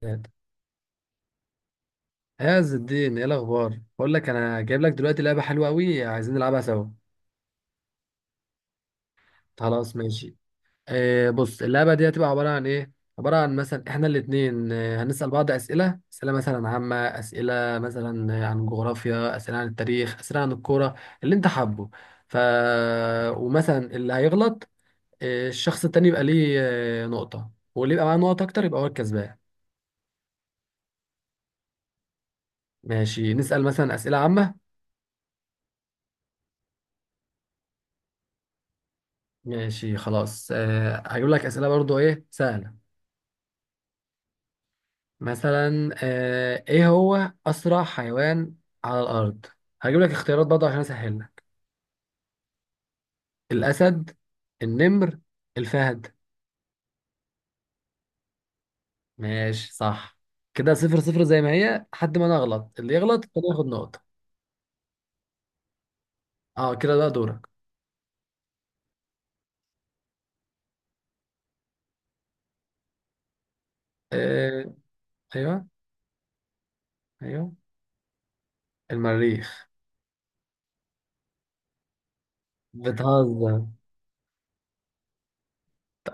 ثلاثة. يا عز الدين، ايه الاخبار؟ بقول لك انا جايب لك دلوقتي لعبه حلوه قوي، عايزين نلعبها سوا. خلاص ماشي. آه، بص، اللعبه دي هتبقى عباره عن ايه. عباره عن مثلا احنا الاثنين هنسال بعض اسئله، اسئله مثلا عامه، اسئله مثلا عن جغرافيا، اسئله عن التاريخ، اسئله عن الكوره، اللي انت حابه. ف ومثلا اللي هيغلط، الشخص التاني يبقى ليه نقطه، واللي يبقى معاه نقط اكتر يبقى هو الكسبان. ماشي، نسال مثلا اسئله عامه. ماشي خلاص. هجيب لك أسئلة برضو، إيه، سهلة. مثلا إيه هو أسرع حيوان على الأرض؟ هجيب لك اختيارات برضو عشان أسهلها. الأسد، النمر، الفهد. ماشي صح. كده صفر صفر زي ما هي، لحد ما أنا أغلط. اللي يغلط كده ياخد نقطة. أه، كده بقى دورك. أه. أيوه. أيوه. المريخ. بتهزر.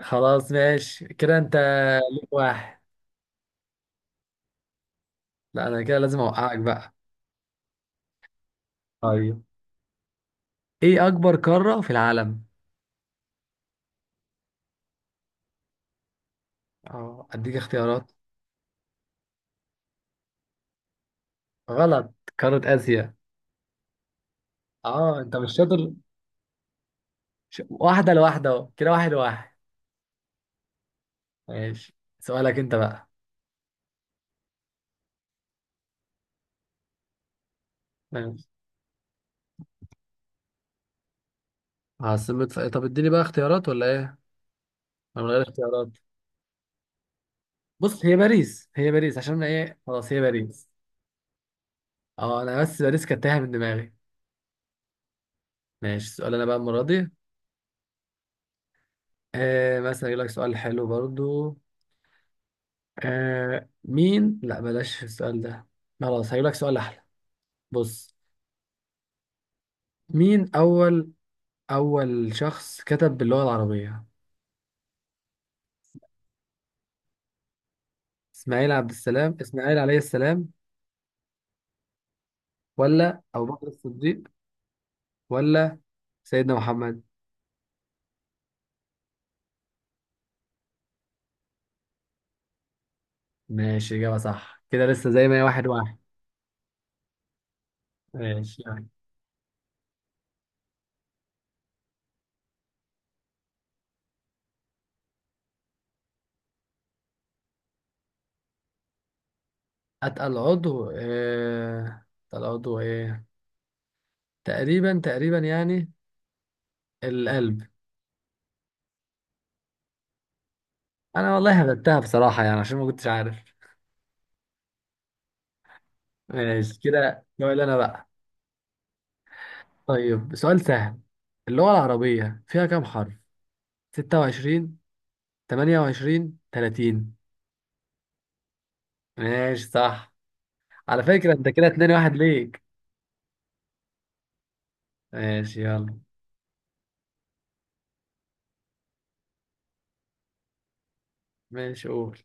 خلاص ماشي، كده أنت ليك واحد. لا، أنا كده لازم أوقعك بقى. طيب. إيه أكبر قارة في العالم؟ اه، اديك اختيارات. غلط. قارة آسيا. اه، انت مش شاطر. واحدة لواحدة، اهو كده واحد لواحد. ماشي، سؤالك انت بقى. ماشي. طب اديني بقى اختيارات ولا ايه؟ انا من غير اختيارات. بص، هي باريس، هي باريس عشان أنا ايه، خلاص هي باريس. اه، انا بس باريس كانت تايهة من دماغي. ماشي، سؤال انا بقى المرة دي. آه، مثلا يقول لك سؤال حلو برضو. آه مين، لا بلاش السؤال ده. خلاص، هيقول لك سؤال احلى. بص. مين اول أول شخص كتب باللغة العربية. إسماعيل عليه السلام، ولا أبو بكر الصديق، ولا سيدنا محمد. ماشي، إجابة صح، كده لسه زي ما هي واحد واحد. ماشي يعني. أتقل عضو إيه، أتقل عضو إيه، تقريبا تقريبا يعني. القلب. أنا والله هبتها بصراحة يعني، عشان ما كنتش عارف. ماشي، كده سؤال أنا بقى. طيب، سؤال سهل. اللغة العربية فيها كام حرف؟ 26، 28، 30. ماشي صح. على فكرة انت كده اتنين واحد ليك. ماشي يلا. ماشي قول.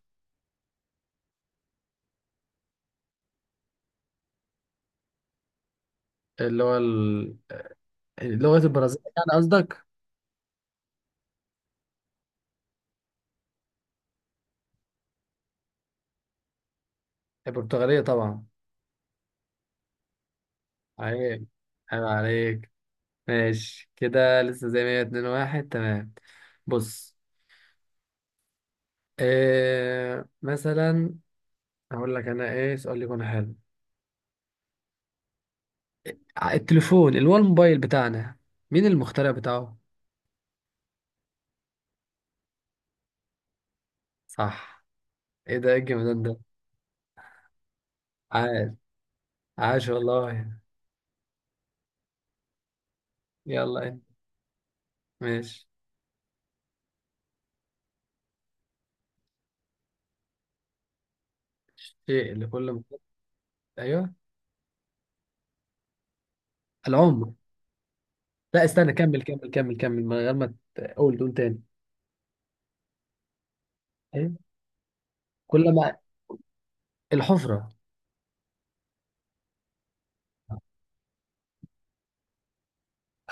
اللي هو ال- اللغة البرازيلية يعني قصدك. البرتغالية طبعا. عيب، عيب عليك. ماشي، كده لسه زي ما هي اتنين واحد، تمام. بص. إيه مثلا؟ هقول لك انا ايه سؤال يكون حلو. التليفون اللي هو الموبايل بتاعنا، مين المخترع بتاعه؟ صح. ايه ده، ايه الجمدان ده؟ عاش، عاش والله. يلا ايه؟ ماشي. الشيء اللي كل. ايوه. العمر. لا، استنى، كمل كمل كمل كمل من غير ما تقول تقول تاني. ايوه. كل ما. الحفرة.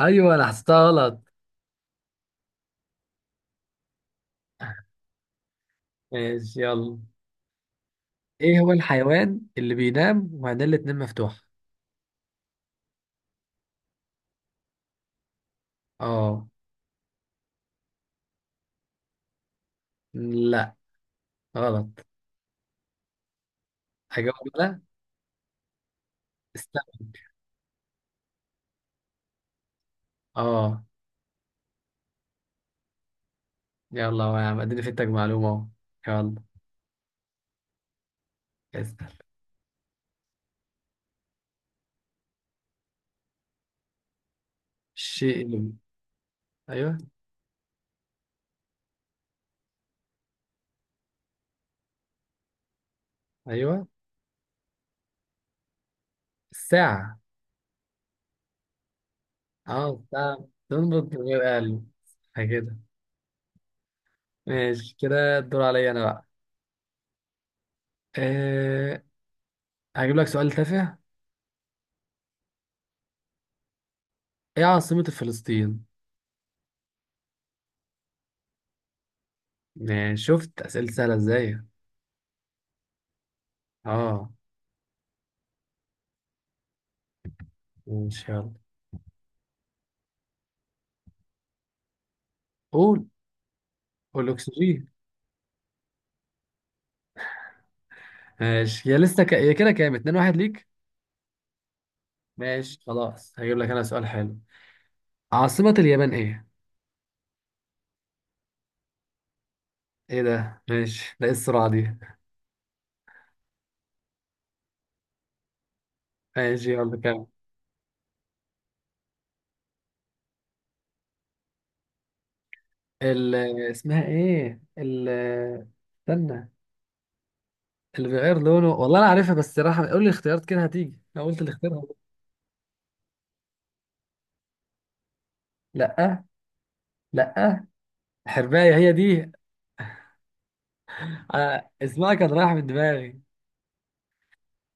ايوه، انا حسيتها غلط. ماشي يلا. ايه هو الحيوان اللي بينام وعينيه الاتنين مفتوحة؟ اه. لا، غلط. هجاوب ولا؟ استنى. اه. يلا، هو، يا عم، اديني فدتك معلومة اهو. يلا. اسأل. الشيء اللي. ايوه. ايوه. الساعة. اه، الساعة تنبض من غير قلب. كده. ماشي، كده الدور عليا انا بقى. أه. هجيب لك سؤال تافه. ايه عاصمة فلسطين؟ يعني شفت أسئلة سهلة ازاي؟ اه. ماشي يلا. قول، قول الأكسجين. ماشي، يا يا كده كام؟ اتنين واحد ليك؟ ماشي خلاص، هجيب لك أنا سؤال حلو. عاصمة اليابان ايه؟ ايه ده؟ ماشي، ده ايه السرعة دي؟ ماشي يلا كام؟ ال... اسمها ايه؟ استنى. اللي بيغير لونه، والله أنا عارفها، بس راح قول لي الاختيارات، كده هتيجي، أنا قلت الاختيار. لا. لا، حرباية هي دي. أنا اسمها كان رايح من دماغي.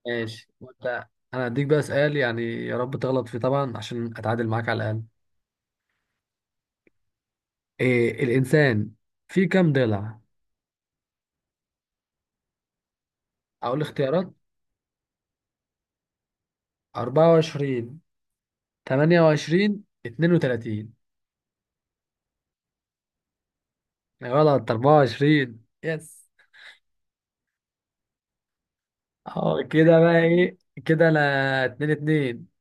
ماشي انا هديك بقى سؤال، يعني يا رب تغلط فيه طبعا عشان اتعادل معاك على الاقل. إيه الانسان فيه كام ضلع؟ اقول اختيارات. 24، 28، 32. غلط، 24. يس. اه، كده بقى ايه؟ كده انا 2-2.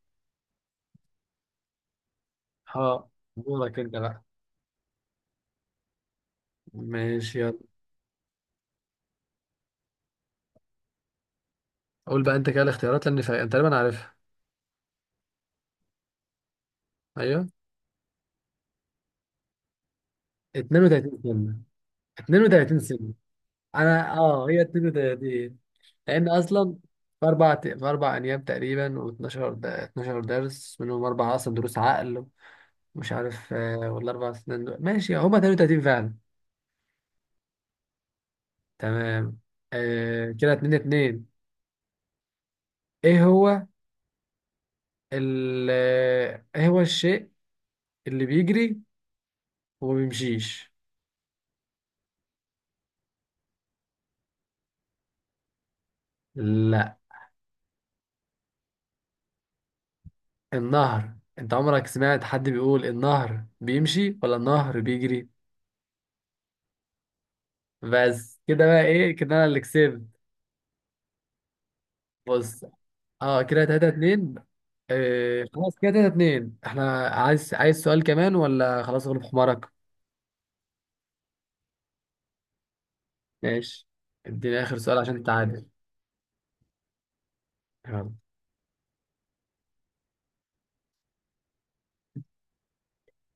اه. دورك انت بقى. ماشي يلا. قول بقى انت كده الاختيارات لان انت تقريبا عارفها. ايوه. 32 سنة. 32 سنة. انا، هي التلاتة دي، لان اصلا في اربع، ايام تقريبا، و12 ده 12 درس، منهم اربعه اصلا دروس عقل، ومش عارف ولا 4 سنين دول. ماشي، هما 32 فعلا. تمام. آه، كده 2-2. ايه هو ال آه، ايه هو الشيء اللي بيجري وما بيمشيش. لا، النهر، انت عمرك سمعت حد بيقول النهر بيمشي ولا النهر بيجري؟ بس كده بقى ايه، كده انا اللي كسبت. بص. اه، كده 3-2. آه خلاص، كده 3-2. احنا عايز، عايز سؤال كمان ولا خلاص غلب حمارك؟ ماشي. اديني اخر سؤال عشان تتعادل. يلا.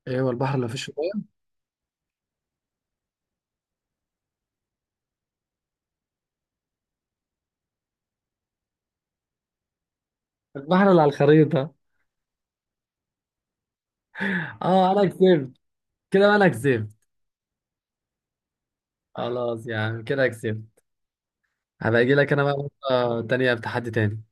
ايه هو البحر اللي مفيش فيه ميه؟ البحر اللي على الخريطة. اه، انا كسبت. كده بقى انا كسبت. خلاص يا عم، كده كسبت. هبقى اجي لك انا بقى مرة تانية بتحدي تاني.